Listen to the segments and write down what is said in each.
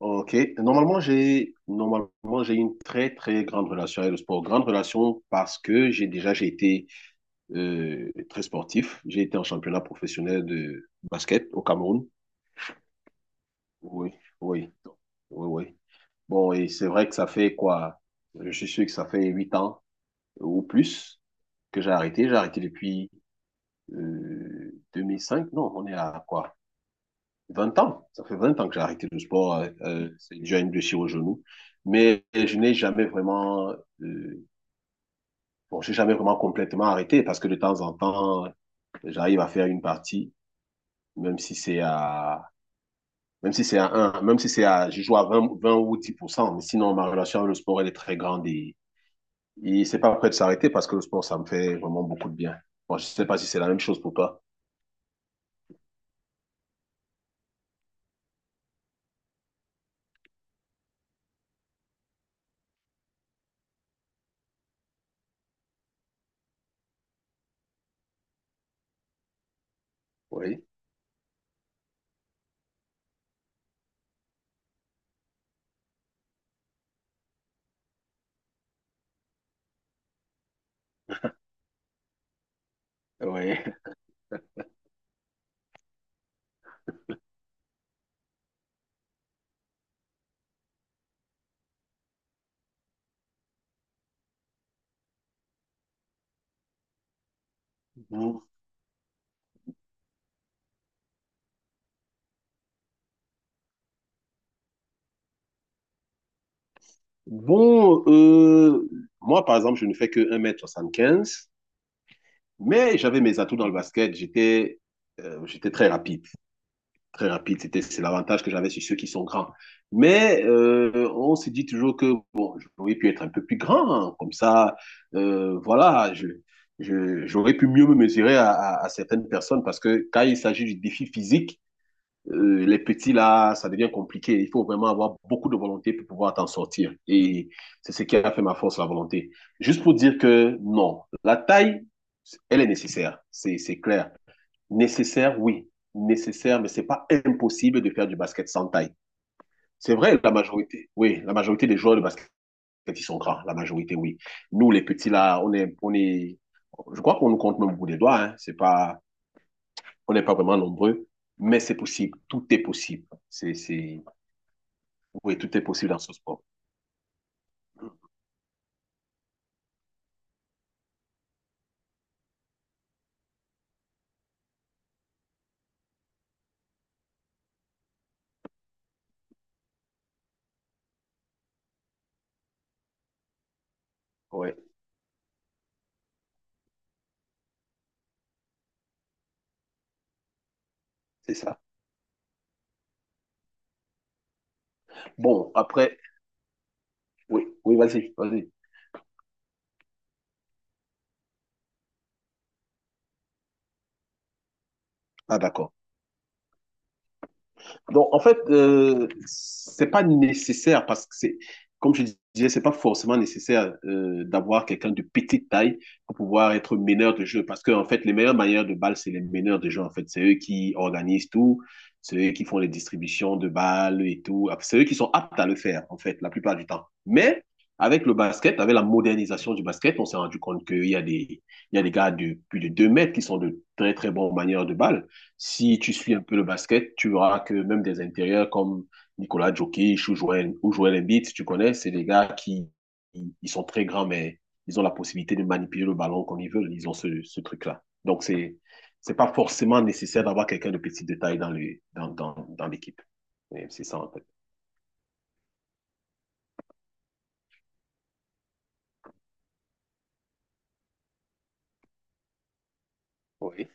Ok. Normalement, j'ai une très très grande relation avec le sport. Grande relation parce que j'ai été très sportif. J'ai été en championnat professionnel de basket au Cameroun. Oui, oui, oui, oui. Bon, et c'est vrai que ça fait quoi? Je suis sûr que ça fait 8 ans ou plus que j'ai arrêté. J'ai arrêté depuis 2005. Non, on est à quoi? 20 ans, ça fait 20 ans que j'ai arrêté le sport. C'est déjà une blessure au genou, mais je n'ai jamais vraiment, euh, bon, j'ai jamais vraiment complètement arrêté parce que de temps en temps, j'arrive à faire une partie, même si c'est à, même si c'est à 1, même si c'est à, je joue à vingt ou 10%, mais sinon ma relation avec le sport, elle est très grande. Et c'est pas prêt de s'arrêter parce que le sport, ça me fait vraiment beaucoup de bien. Bon, je sais pas si c'est la même chose pour toi. Oui, oui. Bon, Bon, moi, par exemple, je ne fais que 1,75 m, mais j'avais mes atouts dans le basket. J'étais très rapide. Très rapide. C'est l'avantage que j'avais sur ceux qui sont grands. Mais on se dit toujours que bon, j'aurais pu être un peu plus grand, hein, comme ça, voilà, j'aurais pu mieux me mesurer à certaines personnes parce que quand il s'agit du défi physique, les petits là, ça devient compliqué. Il faut vraiment avoir beaucoup de volonté pour pouvoir t'en sortir. Et c'est ce qui a fait ma force, la volonté. Juste pour dire que non, la taille, elle est nécessaire, c'est clair. Nécessaire, oui. Nécessaire, mais c'est pas impossible de faire du basket sans taille. C'est vrai, la majorité, oui, la majorité des joueurs de basket, ils sont grands, la majorité, oui. Nous, les petits, là, je crois qu'on nous compte même au bout des doigts, hein. C'est pas, on n'est pas vraiment nombreux, mais c'est possible. Tout est possible. Oui, tout est possible dans ce sport. Oui, c'est ça. Bon, après, oui, oui, vas-y, vas-y. Ah, d'accord. Donc, en fait, c'est pas nécessaire parce que c'est, comme je disais, c'est pas forcément nécessaire d'avoir quelqu'un de petite taille pour pouvoir être meneur de jeu. Parce que, en fait, les meilleurs manières de balles, c'est les meneurs de jeu. En fait, c'est eux qui organisent tout, c'est eux qui font les distributions de balles et tout. Ah, c'est eux qui sont aptes à le faire, en fait, la plupart du temps. Mais, avec le basket, avec la modernisation du basket, on s'est rendu compte qu'il y a des gars de plus de 2 mètres qui sont de très, très bons manières de balle. Si tu suis un peu le basket, tu verras que même des intérieurs comme Nicolas Jokic ou Joel Embiid, tu connais, c'est des gars qui ils sont très grands, mais ils ont la possibilité de manipuler le ballon comme ils veulent. Ils ont ce truc-là. Donc, c'est pas forcément nécessaire d'avoir quelqu'un de petit de taille dans le Dans, dans, dans l'équipe. Et c'est ça, en fait. Oui.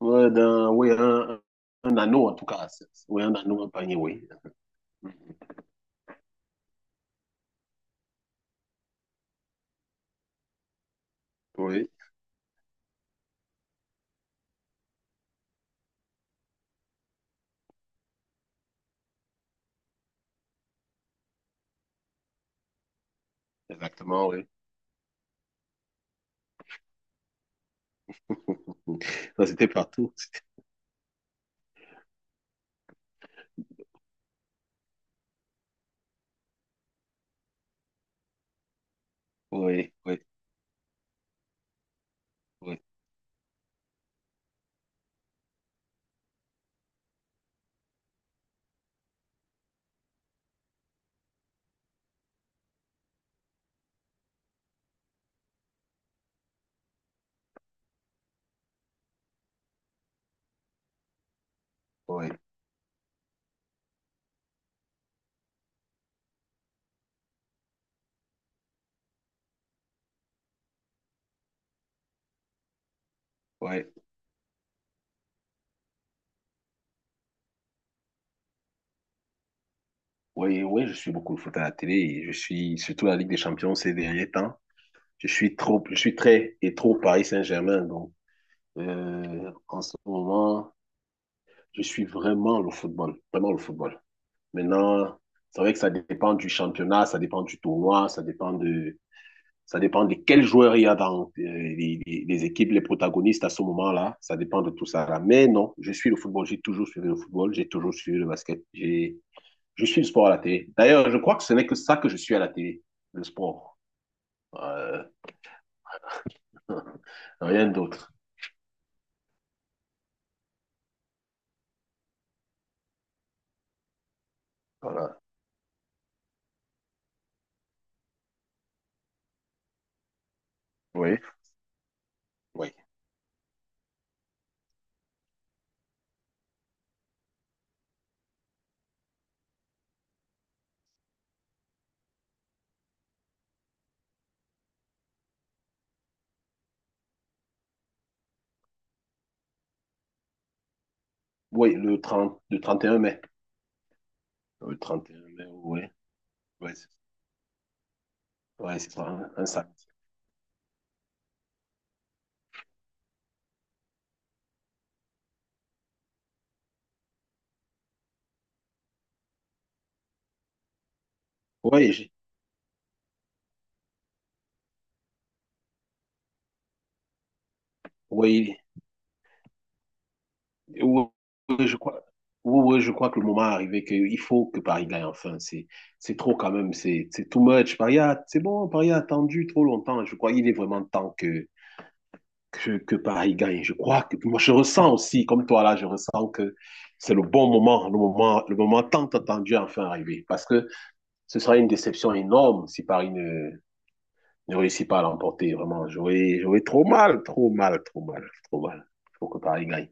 Oui, un anneau, en tout cas. Oui, un anneau, un panier, oui. Oui, exactement, oui. Ça, c'était partout. Oui, oui, oui, oui. Ouais, ouais, ouais, je suis beaucoup le foot à la télé et je suis surtout la Ligue des Champions ces derniers temps. Je suis très et trop Paris Saint-Germain, donc en ce moment, je suis vraiment le football, vraiment le football. Maintenant, c'est vrai que ça dépend du championnat, ça dépend du tournoi, ça dépend de quels joueurs il y a dans les équipes, les protagonistes à ce moment-là. Ça dépend de tout ça là. Mais non, je suis le football, j'ai toujours suivi le football, j'ai toujours suivi le basket. J'ai Je suis le sport à la télé. D'ailleurs, je crois que ce n'est que ça que je suis à la télé, le sport. Euh, rien d'autre. Voilà. Oui, oui. Oui, le 31 mai. Oui, le 31 mai, oui. Oui, c'est ouais, c'est ça, un samedi. Oui, oui, oui, oui, je crois. Oui, oui, je crois que le moment est arrivé qu'il faut que Paris gagne enfin. C'est trop quand même, c'est too much. C'est bon, Paris a attendu trop longtemps. Je crois qu'il est vraiment temps que Paris gagne. Je crois que moi, je ressens aussi, comme toi là, je ressens que c'est le bon moment, le moment, le moment tant attendu à enfin arrivé. Parce que ce sera une déception énorme si Paris ne réussit pas à l'emporter. Vraiment, j'aurais trop mal, trop mal, trop mal, trop mal. Il faut que Paris gagne.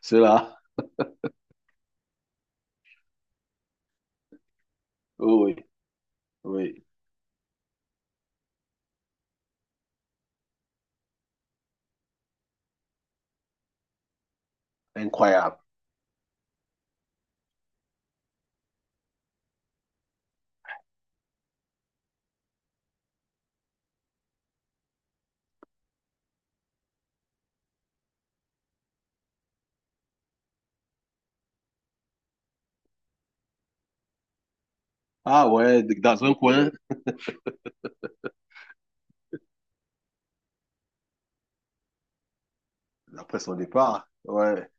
Cela, oui, oui, oui, incroyable. Ah ouais, dans un coin, après son départ, ouais.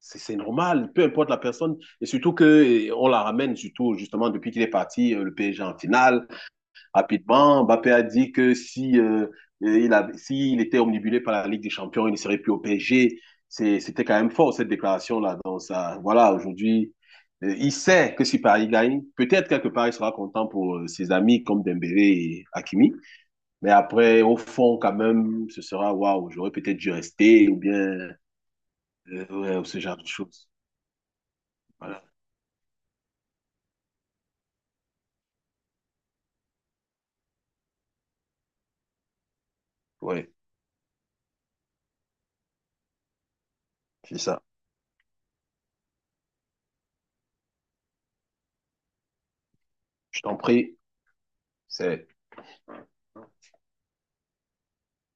C'est normal, peu importe la personne. Et surtout que on la ramène, surtout justement depuis qu'il est parti, le PSG en finale. Rapidement, Mbappé a dit que si, s'il était omnibulé par la Ligue des Champions, il ne serait plus au PSG. C'était quand même fort, cette déclaration-là. Donc, ça, voilà, aujourd'hui, il sait que si Paris gagne, peut-être quelque part, il sera content pour ses amis comme Dembélé et Hakimi. Mais après, au fond, quand même, ce sera, waouh, j'aurais peut-être dû rester ou bien, ouais, ou ce genre de choses. Voilà, ouais, c'est ça. Je t'en prie, c'est...